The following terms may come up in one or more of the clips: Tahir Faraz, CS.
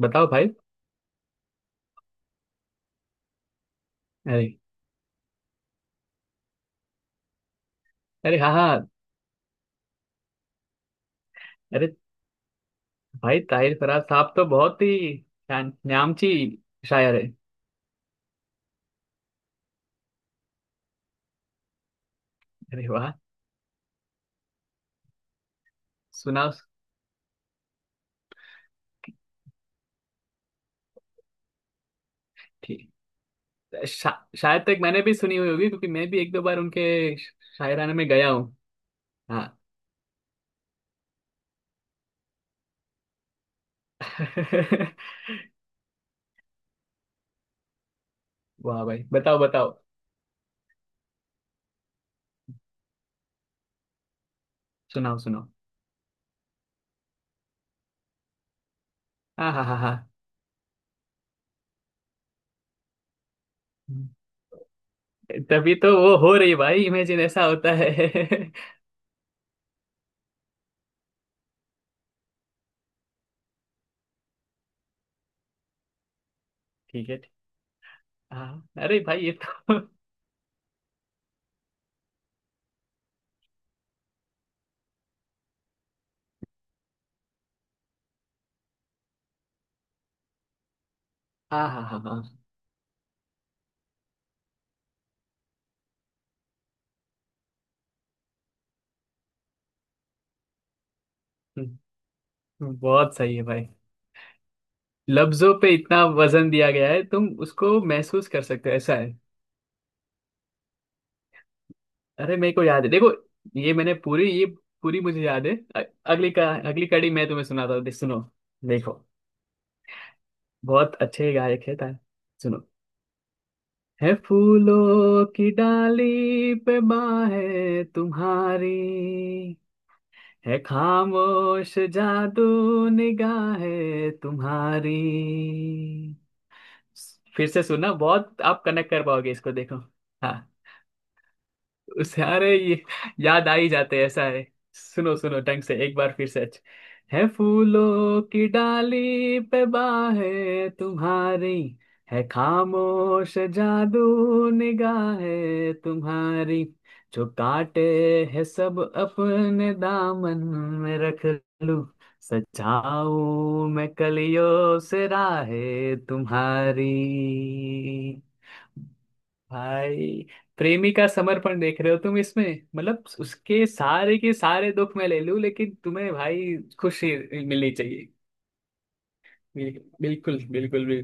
बताओ भाई। अरे। अरे हाँ हाँ। अरे भाई ताहिर फराज साहब तो बहुत ही नामची शायर है। अरे वाह। सुना उस- ठीक। शायद तक मैंने भी सुनी हुई होगी क्योंकि मैं भी एक दो बार उनके शायराना में गया हूँ। हाँ। वाह भाई बताओ बताओ। सुनाओ सुनाओ। हाँ हाँ हाँ हाँ। तभी तो वो हो रही भाई, इमेजिन ऐसा होता है। ठीक है। हाँ अरे भाई ये तो। हाँ हाँ हाँ हाँ। हम्म, बहुत सही है भाई। लफ्जों पे इतना वजन दिया गया है, तुम उसको महसूस कर सकते हो, ऐसा है। अरे मेरे को याद है, देखो। ये मैंने पूरी ये पूरी मुझे याद है। अगली का अगली कड़ी मैं तुम्हें सुनाता हूँ। सुनो। देखो, बहुत अच्छे गायक है तार। सुनो। है फूलों की डाली पे बाहें तुम्हारी। है खामोश जादू निगाहें तुम्हारी। फिर से सुनना, बहुत आप कनेक्ट कर पाओगे इसको, देखो। हाँ, सारे ये याद आ ही जाते हैं, ऐसा है। सुनो सुनो ढंग से एक बार फिर से अच्छा। है फूलों की डाली पे बाहें तुम्हारी। है खामोश जादू निगाहें तुम्हारी। जो काटे है सब अपने दामन में रख लूं, सजाऊं मैं कलियों से राहें तुम्हारी। भाई, प्रेमी का समर्पण देख रहे हो तुम इसमें। मतलब उसके सारे के सारे दुख मैं ले लूं, लेकिन तुम्हें भाई खुशी मिलनी चाहिए। बिल्कुल बिल्कुल भी।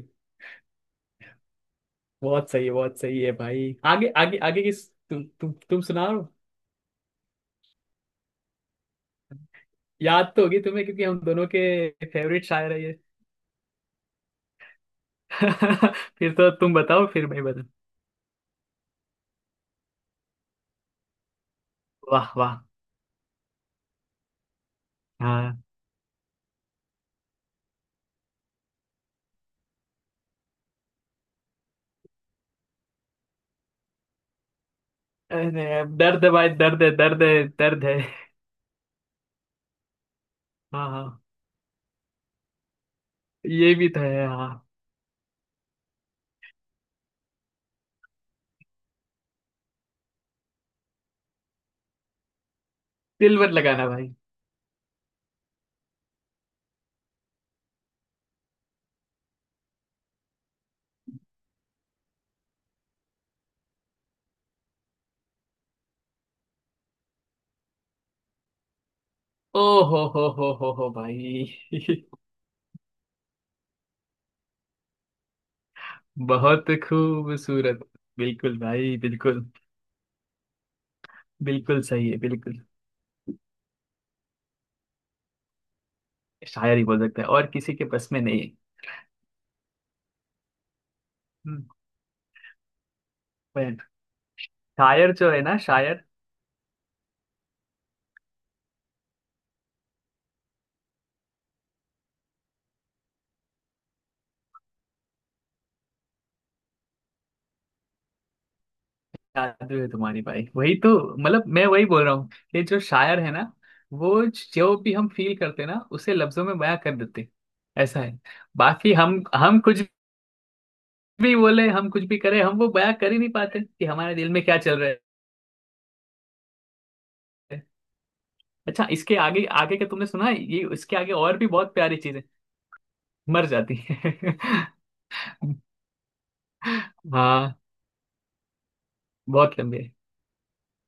बहुत सही है, बहुत सही है भाई। आगे आगे आगे की तुम सुनाओ। याद तो होगी तुम्हें क्योंकि हम दोनों के फेवरेट शायर है ये। फिर तो तुम बताओ, फिर मैं बताऊं। वाह वाह। हाँ। अरे दर्द है भाई, दर्द है, दर्द है, दर्द है। हाँ हाँ। ये भी तो है, हाँ। दिल मत लगाना भाई। ओ हो भाई। बहुत खूबसूरत। बिल्कुल भाई बिल्कुल। बिल्कुल सही है, बिल्कुल। शायर ही बोल सकते हैं, और किसी के बस में नहीं है। हम्म, पर शायर जो है ना, शायर। जादू है तुम्हारी भाई, वही तो। मतलब मैं वही बोल रहा हूँ कि जो शायर है ना, वो जो भी हम फील करते हैं ना, उसे लफ्जों में बयां कर देते हैं। ऐसा है। बाकी हम कुछ भी बोले, हम कुछ भी करें, हम वो बयां कर ही नहीं पाते कि हमारे दिल में क्या चल रहा है। अच्छा, इसके आगे आगे का तुमने सुना है? ये इसके आगे और भी बहुत प्यारी चीजें मर जाती है। हाँ, बहुत लंबी है।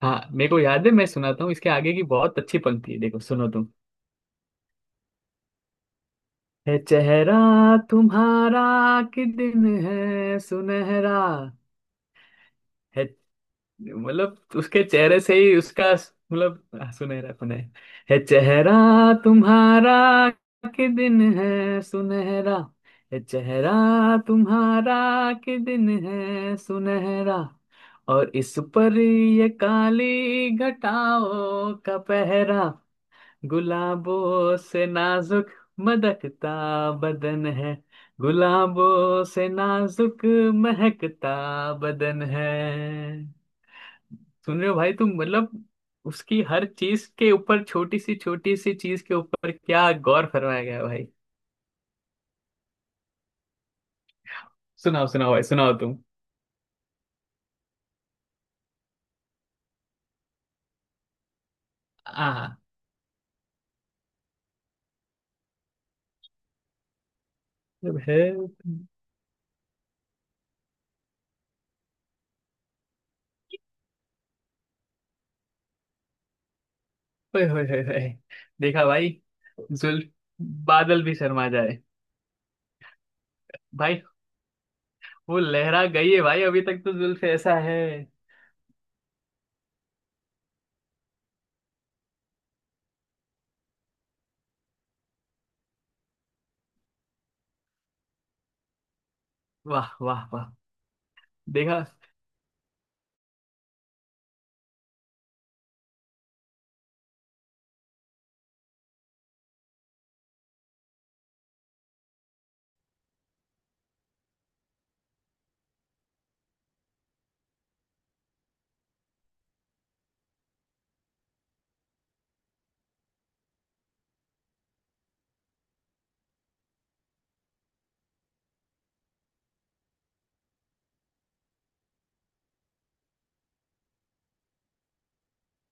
हाँ, मेरे को याद है, मैं सुनाता हूँ। इसके आगे की बहुत अच्छी पंक्ति है, देखो सुनो तुम। है चेहरा तुम्हारा कि दिन है सुनहरा है। मतलब उसके चेहरे से ही उसका मतलब सुनहरा, सुनहरा है। है चेहरा तुम्हारा कि दिन है सुनहरा। है चेहरा तुम्हारा कि दिन है सुनहरा, और इस पर ये काली घटाओं का पहरा। गुलाबों से नाजुक मदकता बदन है। गुलाबों से नाजुक महकता बदन है। सुन रहे हो भाई तुम, मतलब उसकी हर चीज के ऊपर, छोटी सी चीज के ऊपर क्या गौर फरमाया गया है भाई। सुनाओ सुनाओ भाई, सुनाओ तुम। आ जब है। ओए होए होए होए। देखा भाई, जुल्फ, बादल भी शर्मा जाए भाई। वो लहरा गई है भाई, अभी तक तो जुल्फ, ऐसा है। वाह वाह वाह। देखा।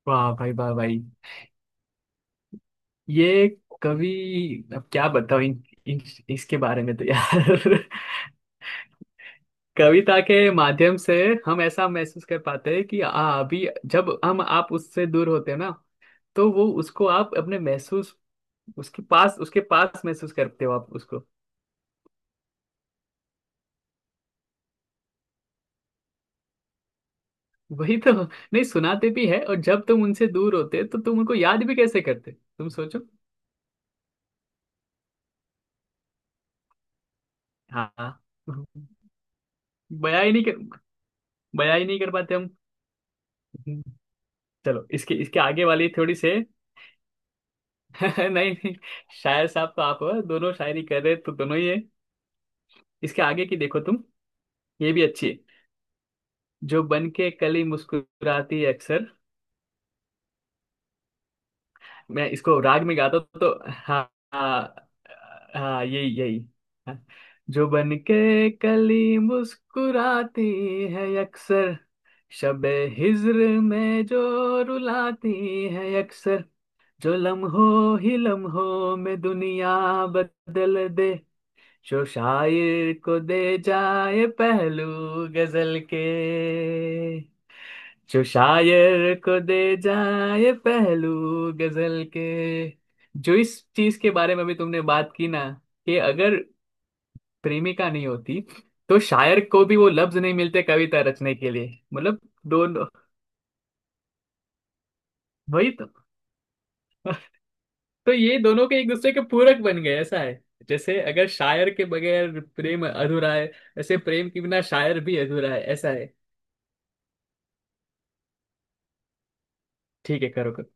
वाह भाई, वाह भाई। ये कवि, अब क्या बताऊं इन, इन, इसके बारे में, तो यार। कविता के माध्यम से हम ऐसा महसूस कर पाते हैं कि अभी जब हम आप उससे दूर होते हैं ना, तो वो उसको आप अपने महसूस, उसके पास, उसके पास महसूस करते हो आप उसको। वही तो, नहीं सुनाते भी है, और जब तुम उनसे दूर होते तो तुम उनको याद भी कैसे करते, तुम सोचो। हाँ, बयां ही नहीं कर, बयां ही नहीं कर पाते हम। हम्म, चलो इसके इसके आगे वाली थोड़ी से। नहीं नहीं, शायर साहब तो आप हो, दोनों शायरी कर रहे तो दोनों ही है। इसके आगे की देखो तुम, ये भी अच्छी है। जो बन के कली मुस्कुराती है अक्सर। मैं इसको राग में गाता हूं, तो हाँ हाँ, हाँ यही यही। हाँ। जो बन के कली मुस्कुराती है अक्सर। शबे हिज्र में जो रुलाती है अक्सर। जो लम्हों ही लम्हों में दुनिया बदल दे। जो शायर को दे जाए पहलू गजल के। जो शायर को दे जाए पहलू गजल के। जो इस चीज के बारे में भी तुमने बात की ना कि अगर प्रेमिका नहीं होती तो शायर को भी वो लफ्ज नहीं मिलते कविता रचने के लिए, मतलब दोनों, वही तो। तो ये दोनों के एक दूसरे के पूरक बन गए, ऐसा है। जैसे अगर शायर के बगैर प्रेम अधूरा है, वैसे प्रेम के बिना शायर भी अधूरा है, ऐसा है। ठीक है, करो करो।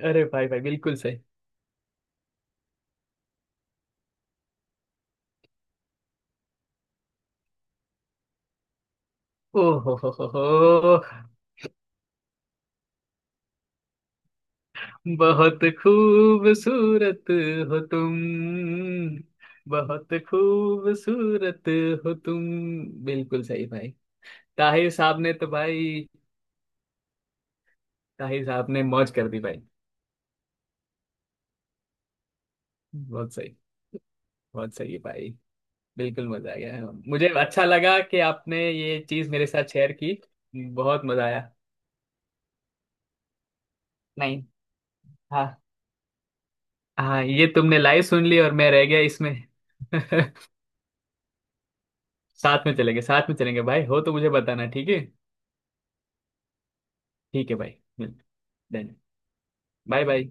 अरे भाई भाई, बिल्कुल सही। ओ हो, बहुत खूबसूरत हो तुम, बहुत खूबसूरत हो तुम। बिल्कुल सही भाई। ताहिर साहब ने तो भाई, ताहिर साहब ने मौज कर दी भाई। बहुत सही, बहुत सही है भाई। बिल्कुल मजा आ गया, मुझे अच्छा लगा कि आपने ये चीज मेरे साथ शेयर की। बहुत मजा आया। नहीं, हाँ हाँ, ये तुमने लाइव सुन ली और मैं रह गया इसमें। साथ में चलेंगे, साथ में चलेंगे भाई, हो तो मुझे बताना, ठीक है। ठीक है भाई। डन। Bye bye.